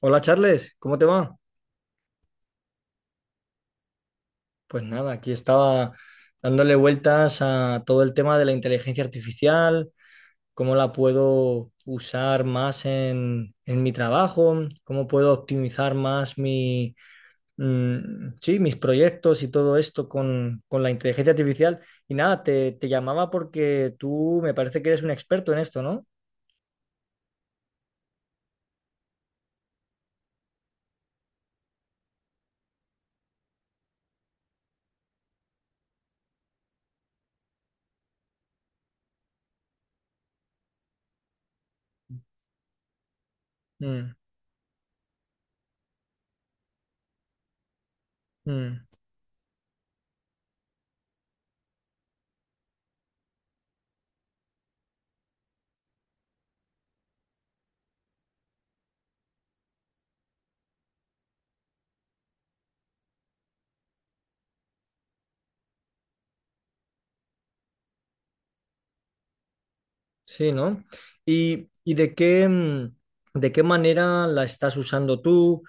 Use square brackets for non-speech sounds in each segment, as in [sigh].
Hola Charles, ¿cómo te va? Pues nada, aquí estaba dándole vueltas a todo el tema de la inteligencia artificial, cómo la puedo usar más en mi trabajo, cómo puedo optimizar más mi, mm, sí, mis proyectos y todo esto con la inteligencia artificial. Y nada, te llamaba porque tú me parece que eres un experto en esto, ¿no? Mm, mm. Sí, ¿no? ¿Y de qué, de qué manera la estás usando tú?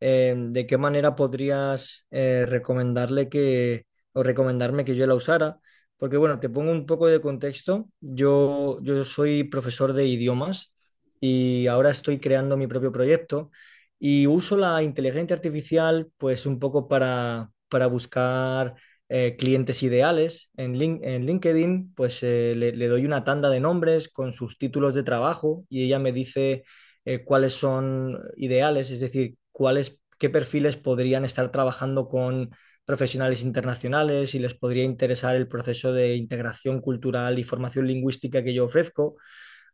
¿De qué manera podrías recomendarle que, o recomendarme que yo la usara? Porque bueno, te pongo un poco de contexto. Yo soy profesor de idiomas y ahora estoy creando mi propio proyecto y uso la inteligencia artificial pues un poco para buscar clientes ideales en, en LinkedIn, pues le doy una tanda de nombres con sus títulos de trabajo y ella me dice cuáles son ideales, es decir, cuáles, qué perfiles podrían estar trabajando con profesionales internacionales y les podría interesar el proceso de integración cultural y formación lingüística que yo ofrezco.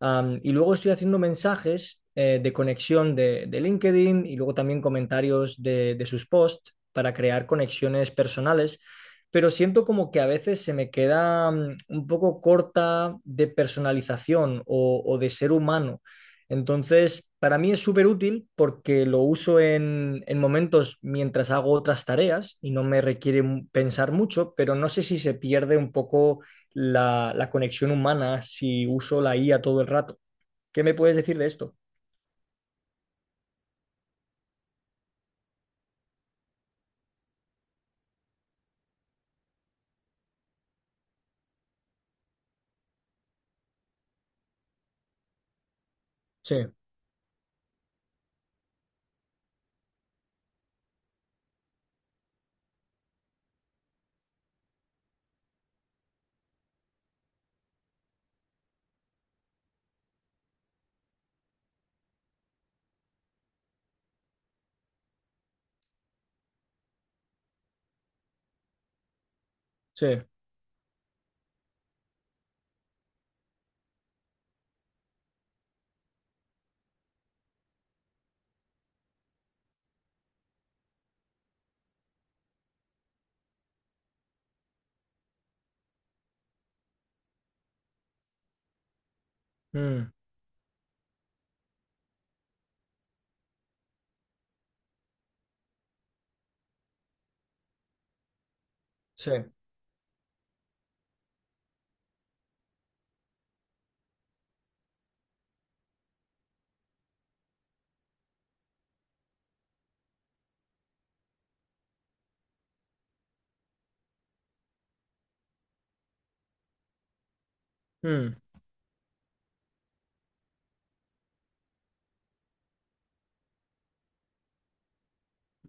Am, y luego estoy haciendo mensajes de conexión de LinkedIn y luego también comentarios de sus posts para crear conexiones personales, pero siento como que a veces se me queda un poco corta de personalización o de ser humano. Entonces, para mí es súper útil porque lo uso en momentos mientras hago otras tareas y no me requiere pensar mucho, pero no sé si se pierde un poco la conexión humana si uso la IA todo el rato. ¿Qué me puedes decir de esto? Sí, sí, mm, sí, mm,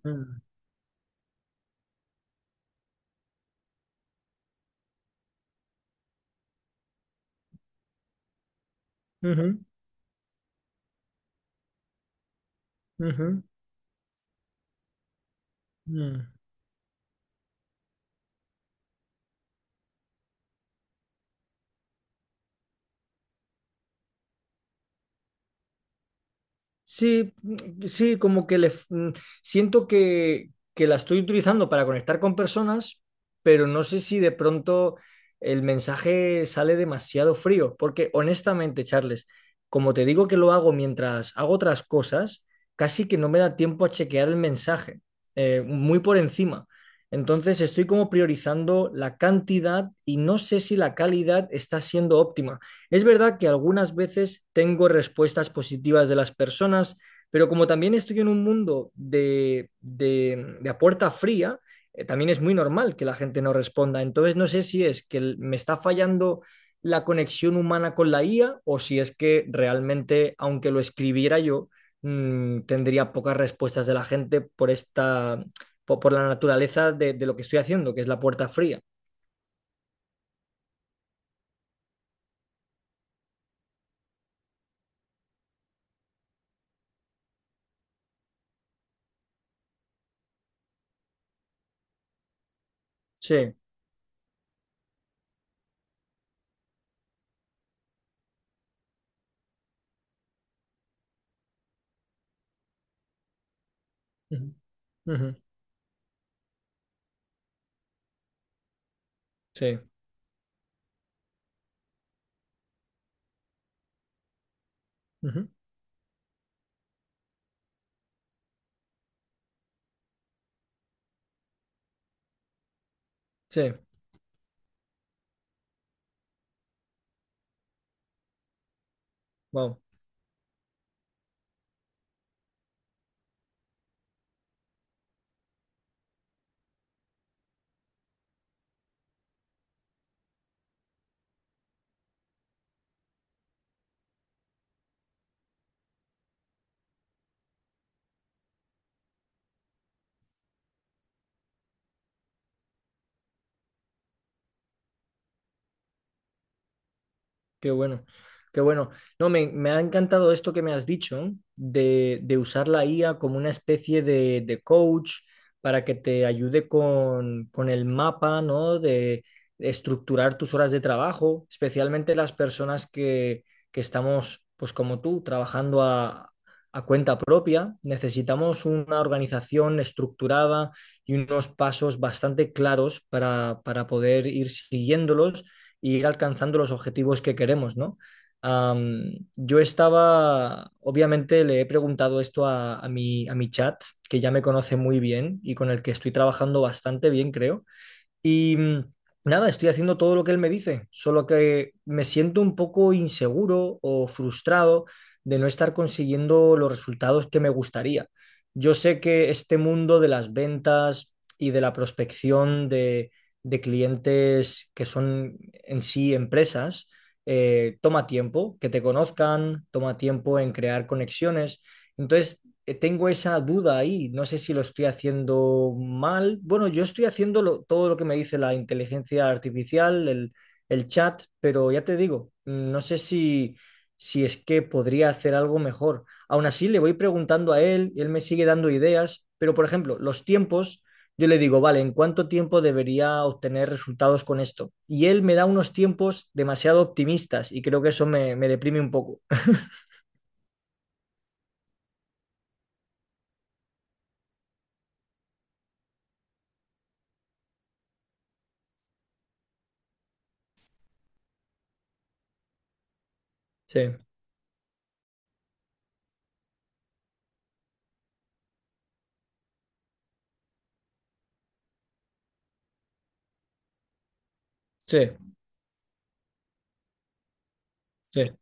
mm, ujú, ujú, mm. Sí, mm, sí, como que siento que la estoy utilizando para conectar con personas, pero no sé si de pronto el mensaje sale demasiado frío, porque honestamente, Charles, como te digo que lo hago mientras hago otras cosas, casi que no me da tiempo a chequear el mensaje, muy por encima. Entonces estoy como priorizando la cantidad y no sé si la calidad está siendo óptima. Es verdad que algunas veces tengo respuestas positivas de las personas, pero como también estoy en un mundo de a puerta fría, también es muy normal que la gente no responda. Entonces no sé si es que me está fallando la conexión humana con la IA o si es que realmente, aunque lo escribiera yo, tendría pocas respuestas de la gente por esta, la naturaleza de lo que estoy haciendo, que es la puerta fría. Sí. Ujú. Ujú. Sí. Ujú. Sí. Wow, qué bueno, qué bueno. No, me ha encantado esto que me has dicho de usar la IA como una especie de coach para que te ayude con el mapa, ¿no? De estructurar tus horas de trabajo, especialmente las personas que estamos, pues como tú, trabajando a cuenta propia. Necesitamos una organización estructurada y unos pasos bastante claros para poder ir siguiéndolos y ir alcanzando los objetivos que queremos, ¿no? Um, yo estaba, obviamente le he preguntado esto a mi chat, que ya me conoce muy bien y con el que estoy trabajando bastante bien, creo. Y nada, estoy haciendo todo lo que él me dice, solo que me siento un poco inseguro o frustrado de no estar consiguiendo los resultados que me gustaría. Yo sé que este mundo de las ventas y de la prospección de clientes que son en sí empresas, toma tiempo que te conozcan, toma tiempo en crear conexiones. Entonces, tengo esa duda ahí, no sé si lo estoy haciendo mal. Bueno, yo estoy haciendo todo lo que me dice la inteligencia artificial, el chat, pero ya te digo, no sé si es que podría hacer algo mejor. Aún así, le voy preguntando a él, y él me sigue dando ideas, pero por ejemplo, los tiempos, yo le digo, vale, ¿en cuánto tiempo debería obtener resultados con esto? Y él me da unos tiempos demasiado optimistas y creo que eso me deprime un poco. [laughs] Sí, sí, sí.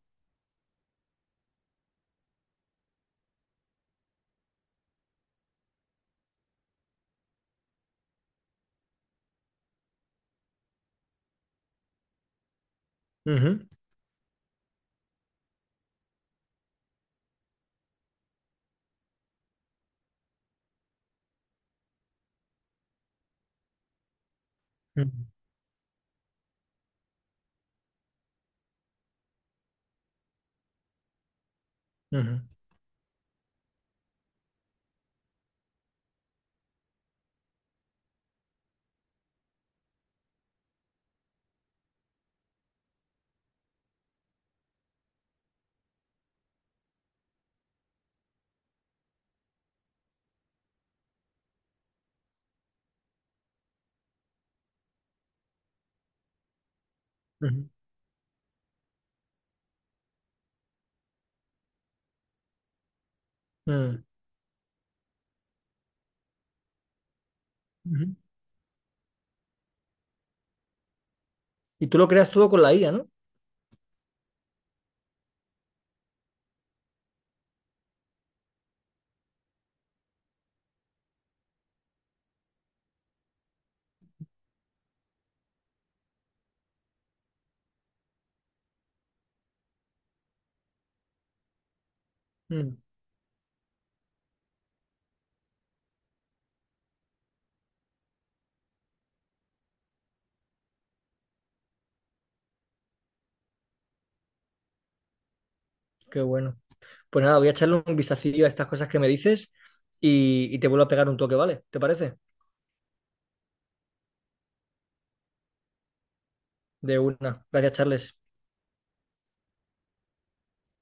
Ujú. Ujú, ujú, ujú, ujú. Y tú lo creas todo con la IA, ¿no? Mm, qué bueno. Pues nada, voy a echarle un vistacillo a estas cosas que me dices y te vuelvo a pegar un toque, ¿vale? ¿Te parece? De una. Gracias, Charles.